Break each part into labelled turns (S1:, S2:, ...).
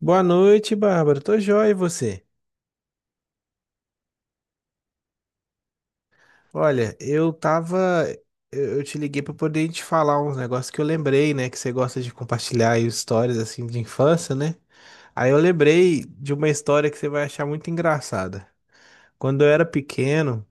S1: Boa noite, Bárbara. Tô joia, e você? Olha, eu tava. Eu te liguei pra poder te falar uns negócios que eu lembrei, né? Que você gosta de compartilhar aí histórias assim de infância, né? Aí eu lembrei de uma história que você vai achar muito engraçada. Quando eu era pequeno,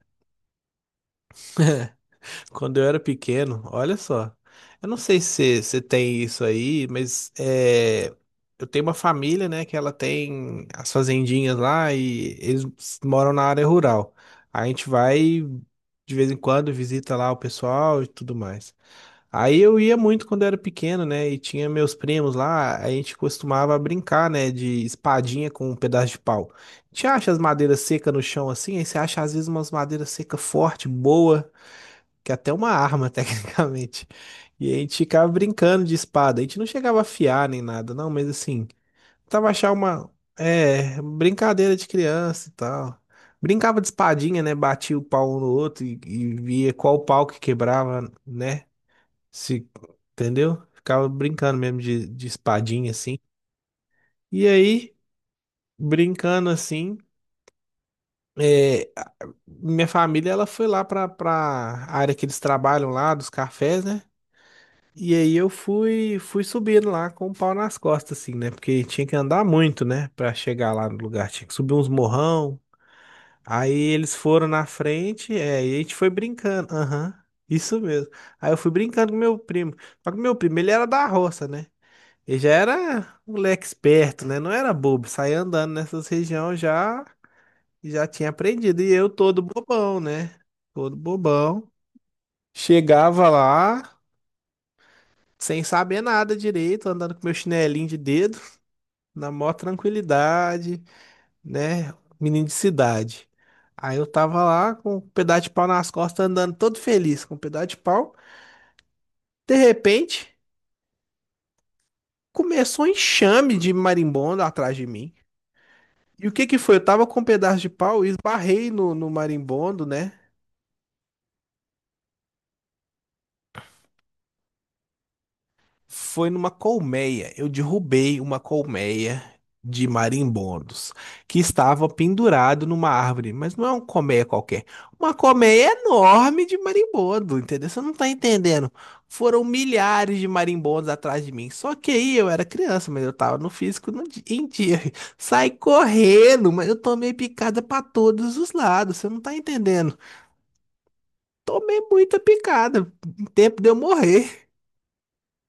S1: Quando eu era pequeno, olha só. Eu não sei se você tem isso aí, eu tenho uma família, né, que ela tem as fazendinhas lá e eles moram na área rural. A gente vai de vez em quando visita lá o pessoal e tudo mais. Aí eu ia muito quando eu era pequeno, né, e tinha meus primos lá, a gente costumava brincar, né, de espadinha com um pedaço de pau. A gente acha as madeiras secas no chão assim, aí você acha às vezes umas madeiras secas forte, boa, que é até uma arma, tecnicamente. E a gente ficava brincando de espada. A gente não chegava a afiar nem nada, não, mas assim, tava achar uma, brincadeira de criança e tal. Brincava de espadinha, né? Batia o pau um no outro e via qual pau que quebrava, né? Se, entendeu? Ficava brincando mesmo de espadinha, assim. E aí, brincando assim, é, minha família, ela foi lá pra área que eles trabalham lá, dos cafés, né? E aí fui subindo lá com o pau nas costas, assim, né? Porque tinha que andar muito, né? Pra chegar lá no lugar. Tinha que subir uns morrão. Aí eles foram na frente, e a gente foi brincando. Aham, isso mesmo. Aí eu fui brincando com meu primo. Só que meu primo, ele era da roça, né? Ele já era um moleque esperto, né? Não era bobo. Saía andando nessas regiões já, já tinha aprendido. E eu todo bobão, né? Todo bobão. Chegava lá, sem saber nada direito, andando com meu chinelinho de dedo, na maior tranquilidade, né? Menino de cidade. Aí eu tava lá com um pedaço de pau nas costas, andando todo feliz com um pedaço de pau. De repente, começou um enxame de marimbondo atrás de mim. E o que que foi? Eu tava com um pedaço de pau e esbarrei no marimbondo, né? Foi numa colmeia. Eu derrubei uma colmeia de marimbondos que estava pendurado numa árvore, mas não é uma colmeia qualquer. Uma colmeia enorme de marimbondo, entendeu? Você não tá entendendo. Foram milhares de marimbondos atrás de mim. Só que aí eu era criança, mas eu tava no físico no di- em dia. Saí correndo, mas eu tomei picada para todos os lados. Você não tá entendendo. Tomei muita picada. Em tempo de eu morrer.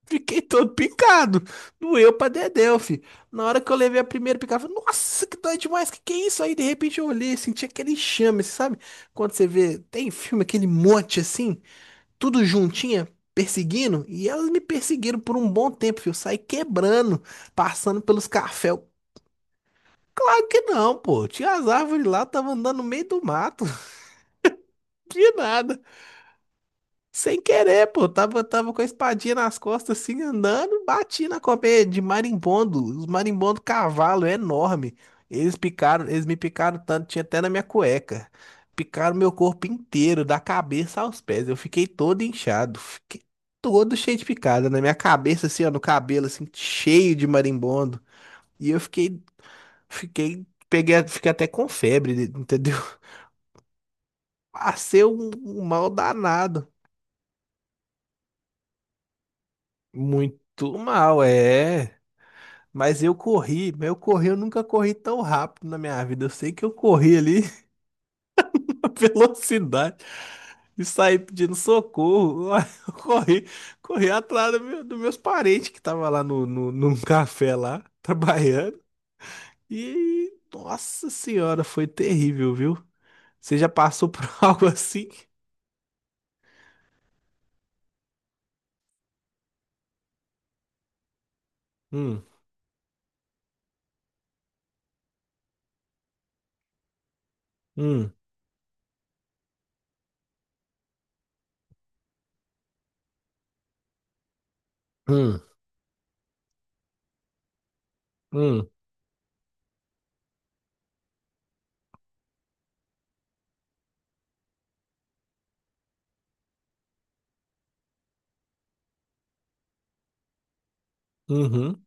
S1: Fiquei todo picado. Doeu pra dedéu, fi. Na hora que eu levei a primeira picada, eu falei, nossa, que dói demais. Que é isso? Aí, de repente, eu olhei, senti aquele enxame, sabe? Quando você vê, tem filme, aquele monte assim, tudo juntinha, perseguindo. E elas me perseguiram por um bom tempo, fi. Eu saí quebrando, passando pelos cafés. Claro que não, pô. Tinha as árvores lá, tava andando no meio do mato. De nada. Sem querer, pô. Tava com a espadinha nas costas, assim, andando, bati na cobra de marimbondo. Os marimbondo cavalo, é enorme. Eles me picaram tanto, tinha até na minha cueca. Picaram meu corpo inteiro, da cabeça aos pés. Eu fiquei todo inchado. Fiquei todo cheio de picada. Na minha cabeça, assim, ó, no cabelo, assim, cheio de marimbondo. E eu fiquei, fiquei, peguei, a- fiquei até com febre, entendeu? Passei um mal danado. Muito mal, é. Mas eu corri, eu nunca corri tão rápido na minha vida. Eu sei que eu corri ali a velocidade e saí pedindo socorro. Eu corri, corri atrás dos meus parentes que estavam lá no, no, num café lá, trabalhando. E, nossa senhora, foi terrível, viu? Você já passou por algo assim? Hum, hum, hum, hum, uhum,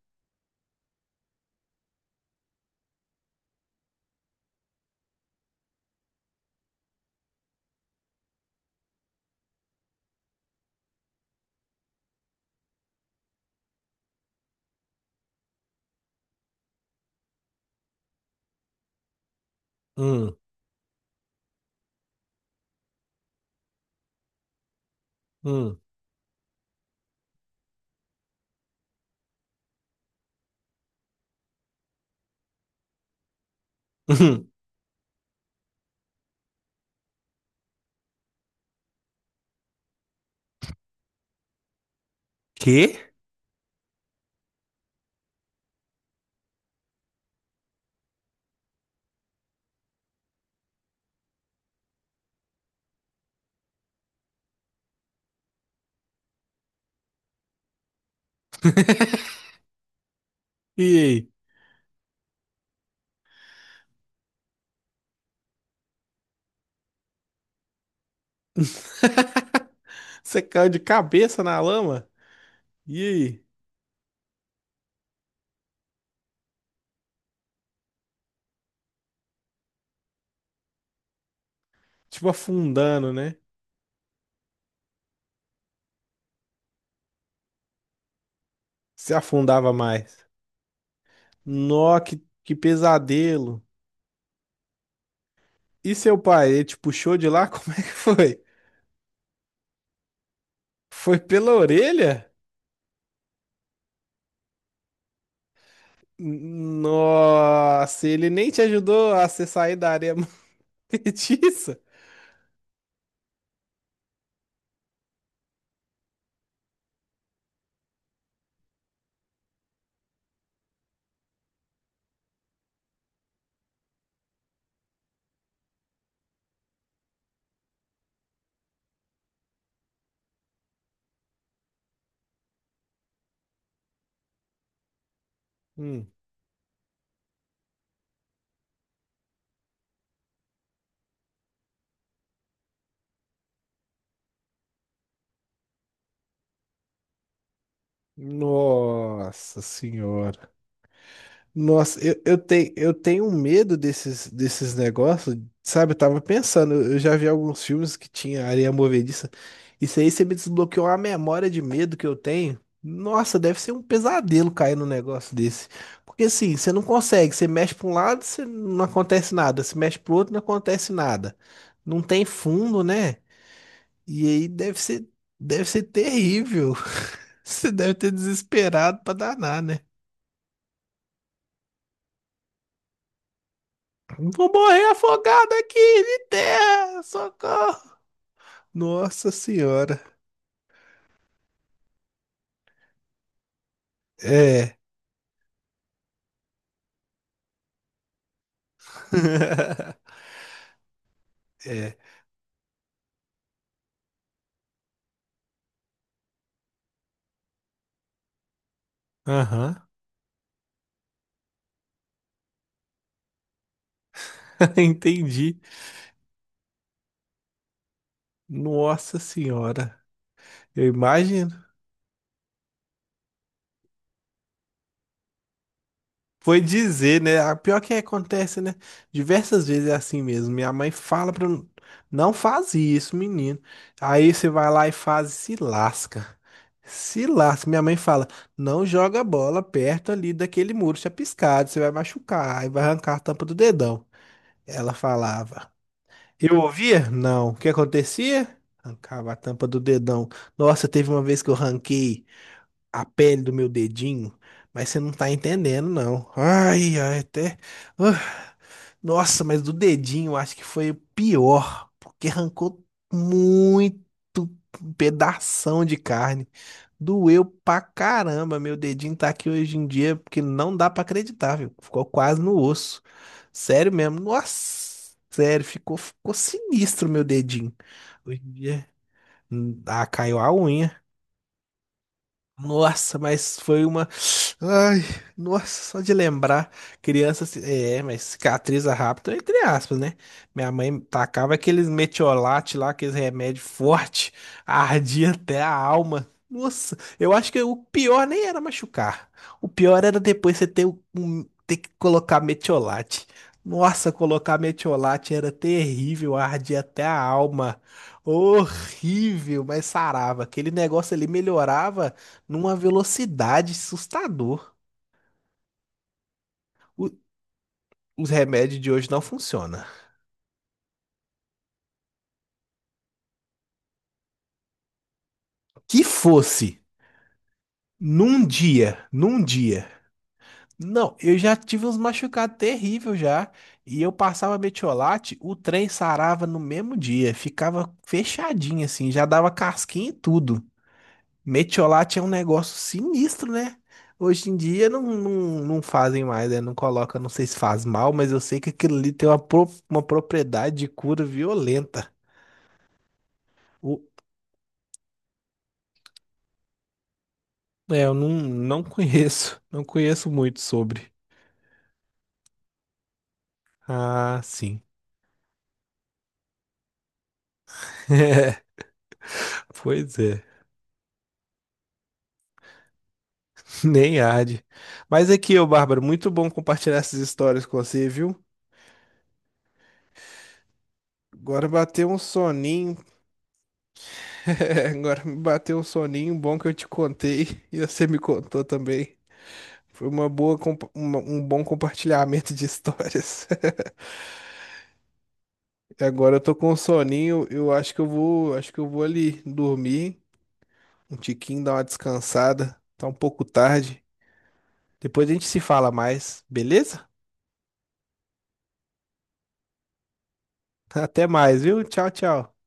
S1: hum, hum, uhum. Quê? E aí? Você caiu de cabeça na lama? E aí? Tipo afundando, né? Se afundava mais. Nó, que pesadelo. E seu pai, ele te puxou de lá? Como é que foi? Foi pela orelha? Nossa, ele nem te ajudou a você sair da areia movediça? Hum. Nossa senhora. Nossa, tenho, eu tenho um medo desses, desses negócios, sabe? Eu tava pensando, eu já vi alguns filmes que tinha areia movediça. Isso aí você me desbloqueou uma memória de medo que eu tenho. Nossa, deve ser um pesadelo cair num negócio desse. Porque assim, você não consegue, você mexe para um lado, você não acontece nada, você mexe pro outro, não acontece nada. Não tem fundo, né? E aí deve ser terrível. Você deve ter desesperado pra danar, né? Vou morrer afogado aqui de terra, socorro. Nossa senhora. É. É. Aham. Entendi. Nossa senhora. Eu imagino. Foi dizer, né? A pior que acontece, né? Diversas vezes é assim mesmo. Minha mãe fala pra eu não faz isso, menino. Aí você vai lá e faz e se lasca. Se lasca. Minha mãe fala: não joga a bola perto ali daquele muro chapiscado, você vai machucar, aí vai arrancar a tampa do dedão. Ela falava. Eu ouvia? Não. O que acontecia? Arrancava a tampa do dedão. Nossa, teve uma vez que eu ranquei a pele do meu dedinho, mas você não tá entendendo, não. Até. Ah, nossa, mas do dedinho eu acho que foi o pior, porque arrancou muito pedação de carne. Doeu pra caramba. Meu dedinho tá aqui hoje em dia, porque não dá pra acreditar, viu? Ficou quase no osso. Sério mesmo. Nossa, sério, ficou sinistro meu dedinho. Hoje em dia, caiu a unha. Nossa, mas foi uma. Ai, nossa, só de lembrar. Criança. Se- É, mas cicatriza rápido, entre aspas, né? Minha mãe tacava aqueles metiolate lá, aqueles remédio forte, ardia até a alma. Nossa, eu acho que o pior nem era machucar. O pior era depois você ter, ter que colocar metiolate. Nossa, colocar metiolate era terrível, ardia até a alma. Horrível, mas sarava. Aquele negócio ali melhorava numa velocidade assustador. O- os remédios de hoje não funcionam. Que fosse num dia, num dia. Não, eu já tive uns machucados terríveis já. E eu passava metiolate, o trem sarava no mesmo dia. Ficava fechadinho assim, já dava casquinha e tudo. Metiolate é um negócio sinistro, né? Hoje em dia não, não fazem mais, né? Não coloca, não sei se faz mal, mas eu sei que aquilo ali tem uma, uma propriedade de cura violenta. O- É, eu não conheço, não conheço muito sobre. Ah, sim. Pois é, nem arde. Mas aqui, ô Bárbara, muito bom compartilhar essas histórias com você, viu? Agora bateu um soninho. Agora me bateu um soninho bom que eu te contei e você me contou também. Foi uma boa, um bom compartilhamento de histórias. E agora eu tô com um soninho, eu acho que eu vou, acho que eu vou ali dormir, um tiquinho, dar uma descansada. Tá um pouco tarde. Depois a gente se fala mais, beleza? Até mais, viu? Tchau, tchau.